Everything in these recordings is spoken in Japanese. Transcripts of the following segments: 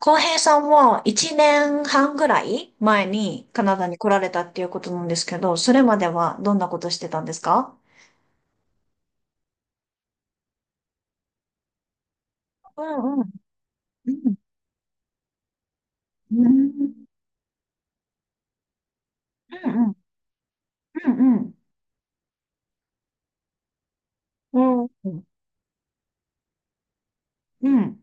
浩平さんは1年半ぐらい前にカナダに来られたっていうことなんですけど、それまではどんなことしてたんですか？うんうん。うんうんうんうんうんうんうんうん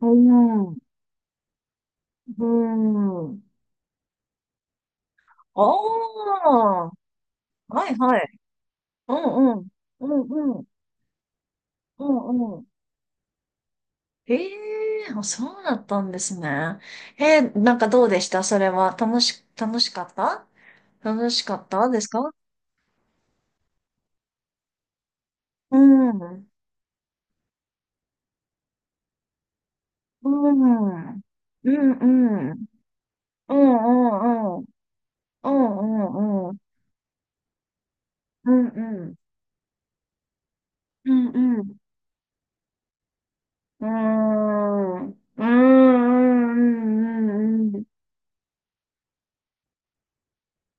うんうんおーはいはい。うんうんうんうんうんうん。ええー、あそうだったんですね。なんかどうでしたそれは。楽しかったですか？うん、うん、うん、うん、うん、うん、うん、うん、うん、うん、うん、うん、うん、うん、うん、うん、うん、うん、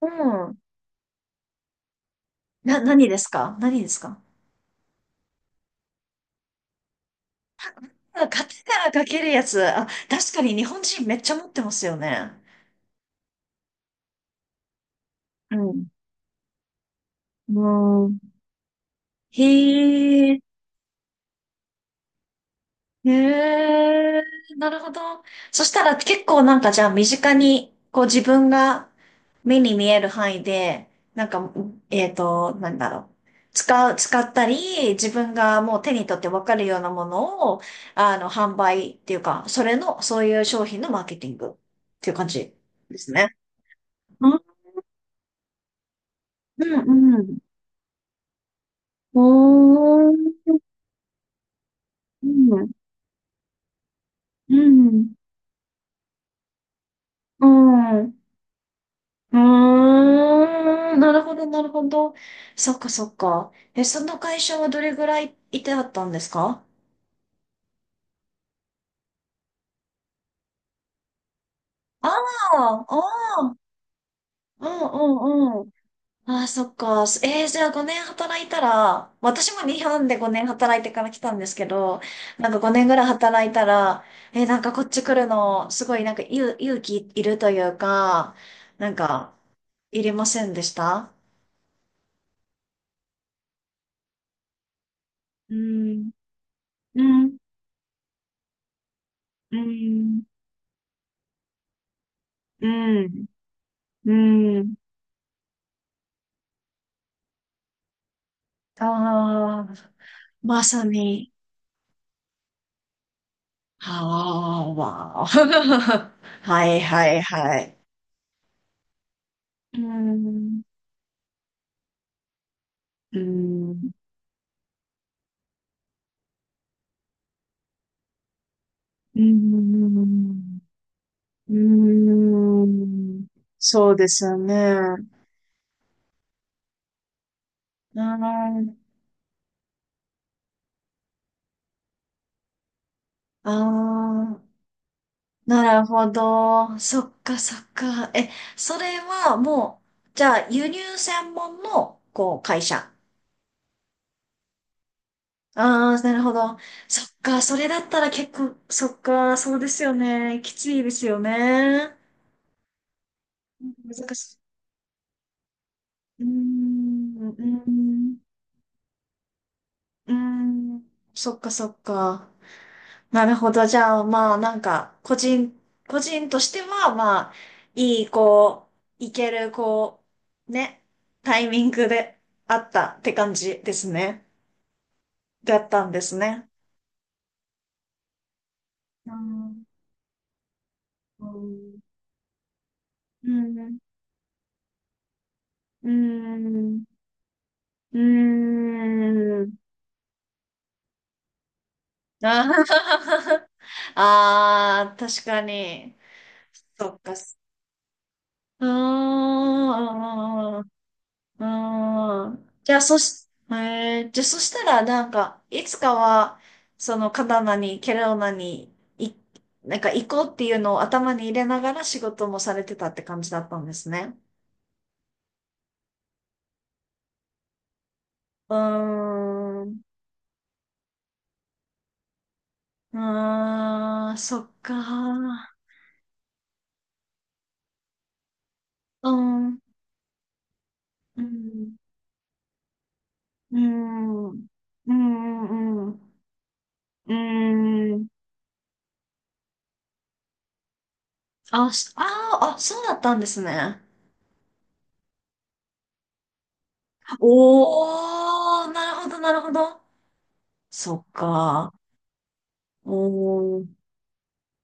うん、何ですか何ですか？あ、カテナかけるやつ。あ、確かに日本人めっちゃ持ってますよね。うん。うん。へえ。へえ、なるほど。そしたら結構なんかじゃあ身近に、こう自分が目に見える範囲で、なんか、なんだろう。使ったり、自分がもう手に取ってわかるようなものを、販売っていうか、それの、そういう商品のマーケティングっていう感じですね。うんうんうん。おー、うん、うん、うん。うーん、なるほど、なるほど。そっか、そっか。え、その会社はどれぐらいいてあったんですか？ああ、ああ、うんうんうん。ああ、そっか。じゃあ5年働いたら、私も日本で5年働いてから来たんですけど、なんか5年ぐらい働いたら、なんかこっち来るの、すごいなんか勇気いるというか、なんか、いりませんでした？うん、うん、うん、うん、うん。ああ、まさに。ああ、わあ。はいはいはい。うーん、うーん、うーん、うーん。そうですよね。うーん、ああ、なるほど。そっかそっか。え、それはもう、じゃあ輸入専門の、こう、会社。ああ、なるほど。そっか、それだったら結構、そっか、そうですよね。きついですよね。難しい。うーん、うーん、うーん。そっか、そっか。なるほど。じゃあ、まあ、なんか、個人としては、まあ、いい、こう、いける、こう、ね、タイミングであったって感じですね。だったんですね。うん、うん、うん。うんうーん。あー。 あー、確かに。そっか。うーん。うーん。うーんじゃあ、そし、えー、じゃあ、そしたら、なんか、いつかは、その、カナダに、ケローナに、い、なんか、行こうっていうのを頭に入れながら仕事もされてたって感じだったんですね。うーん。うーん、そっか。うん。うん。うーん。うーん。うーん。うーんあ、しあー、あ、そうだったんですね。おー、なるほど、なるほど。そっか。おー、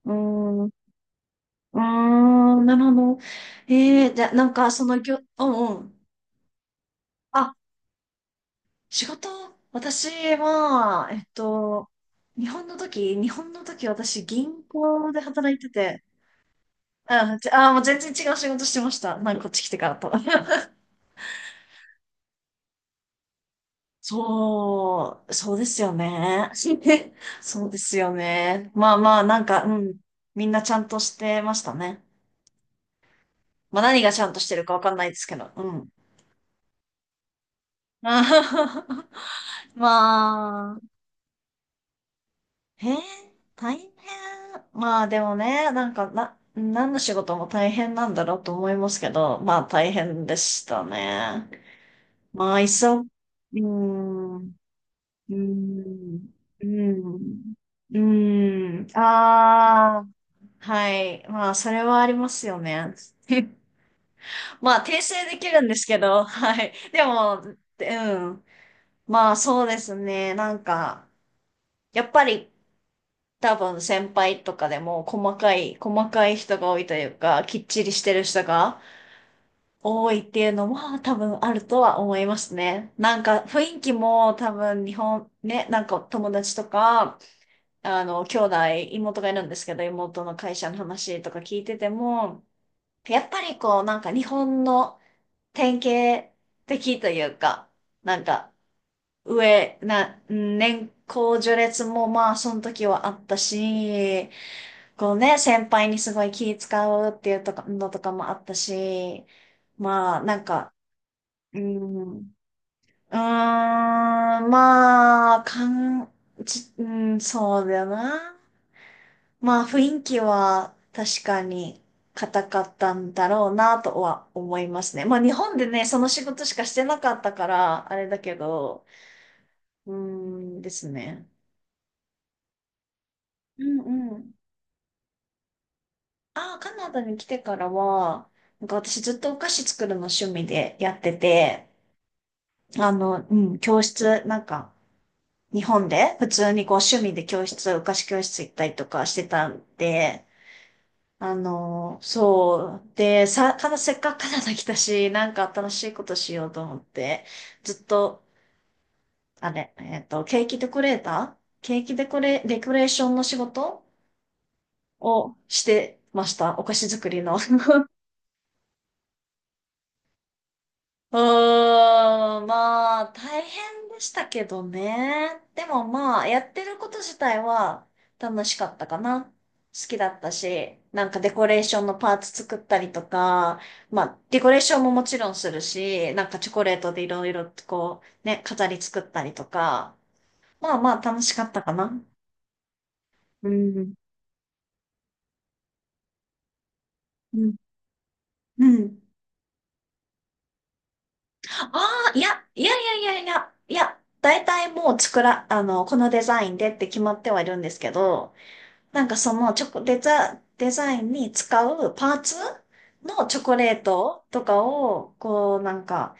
うーん、うーん、なるほど。じゃあ、なんか、うんうん。あ、仕事、私は、日本の時、私、銀行で働いてて、うん、じゃあもう全然違う仕事してました。なんかこっち来てからと。そうですよね。そうですよね。まあまあ、なんか、うん。みんなちゃんとしてましたね。まあ何がちゃんとしてるかわかんないですけど、うん。あはは。まあ、へえ、大変。まあでもね、なんか、何の仕事も大変なんだろうと思いますけど、まあ大変でしたね。まあ、いっそ、うーん。うーん。うーん。うーん。ああ、はい。まあ、それはありますよね。まあ、訂正できるんですけど、はい。でも、うん。まあ、そうですね。なんか、やっぱり、多分先輩とかでも細かい人が多いというか、きっちりしてる人が多いっていうのは多分あるとは思いますね。なんか雰囲気も多分日本ね、なんか友達とか、あの、兄弟、妹がいるんですけど、妹の会社の話とか聞いてても、やっぱりこう、なんか日本の典型的というか、なんか、年功序列もまあ、その時はあったし、こうね、先輩にすごい気使うっていうとか、のとかもあったし、まあ、なんか、うん、うーん、まあ、かん、ち、うん、そうだよな。まあ、雰囲気は確かに硬かったんだろうなとは思いますね。まあ、日本でね、その仕事しかしてなかったから、あれだけど、うーんですね。うんうん。ああ、カナダに来てからは、なんか私ずっとお菓子作るの趣味でやってて、うん、教室、なんか、日本で普通にこう趣味でお菓子教室行ったりとかしてたんで、そう。で、さ、かな、せっかくカナダ来たし、なんか新しいことしようと思って、ずっと、ケーキデコレーターケーキデコレ、デコレーションの仕事をしてました。お菓子作りの。うーん、まあ、大変でしたけどね。でもまあ、やってること自体は楽しかったかな。好きだったし、なんかデコレーションのパーツ作ったりとか、まあ、デコレーションももちろんするし、なんかチョコレートでいろいろとこう、ね、飾り作ったりとか、まあまあ楽しかったかな。うん。うん。うん。ああ、いや、いやいやいやいや、いや、大体もう作ら、あの、このデザインでって決まってはいるんですけど、なんかそのチョコ、デザ、デザインに使うパーツのチョコレートとかを、こうなんか、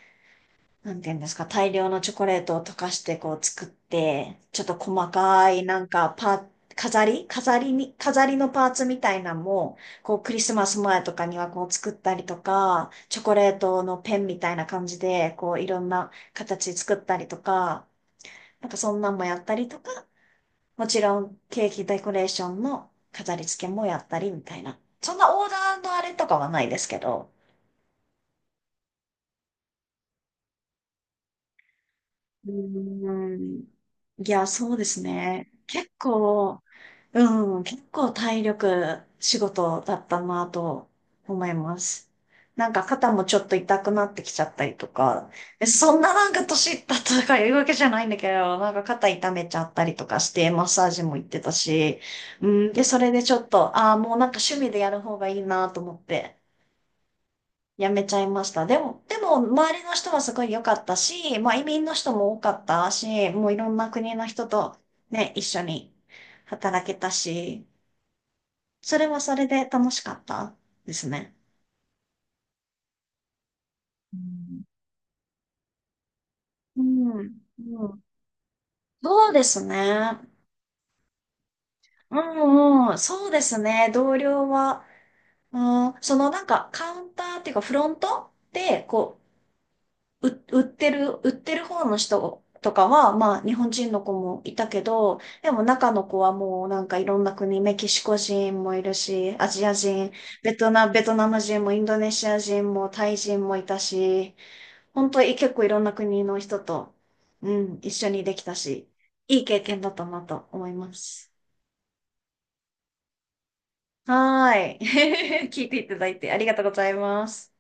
なんていうんですか、大量のチョコレートを溶かしてこう作って、ちょっと細かいなんかパ、飾り飾りに、飾りのパーツみたいなのも、こうクリスマス前とかにはこう作ったりとか、チョコレートのペンみたいな感じで、こういろんな形作ったりとか、なんかそんなんもやったりとか、もちろんケーキデコレーションの飾り付けもやったりみたいな。そんなオーダーのあれとかはないですけど、うーん。いや、そうですね。結構、うん、結構体力仕事だったなと思います。なんか肩もちょっと痛くなってきちゃったりとか、え、そんななんか年いったとかいうわけじゃないんだけど、なんか肩痛めちゃったりとかして、マッサージも行ってたし、うん、で、それでちょっと、ああ、もうなんか趣味でやる方がいいなと思って、やめちゃいました。でも、周りの人はすごい良かったし、まあ、移民の人も多かったし、もういろんな国の人とね、一緒に働けたし、それはそれで楽しかったですね。うんうん、うん、そうですね。うんうん、そうですね。同僚は、うん、そのなんかカウンターっていうかフロントで、こう、売ってる方の人とかは、まあ、日本人の子もいたけど、でも中の子はもうなんかいろんな国、メキシコ人もいるし、アジア人、ベトナム人もインドネシア人もタイ人もいたし、本当に結構いろんな国の人と、うん、一緒にできたし、いい経験だったなと思います。はーい。聞いていただいてありがとうございます。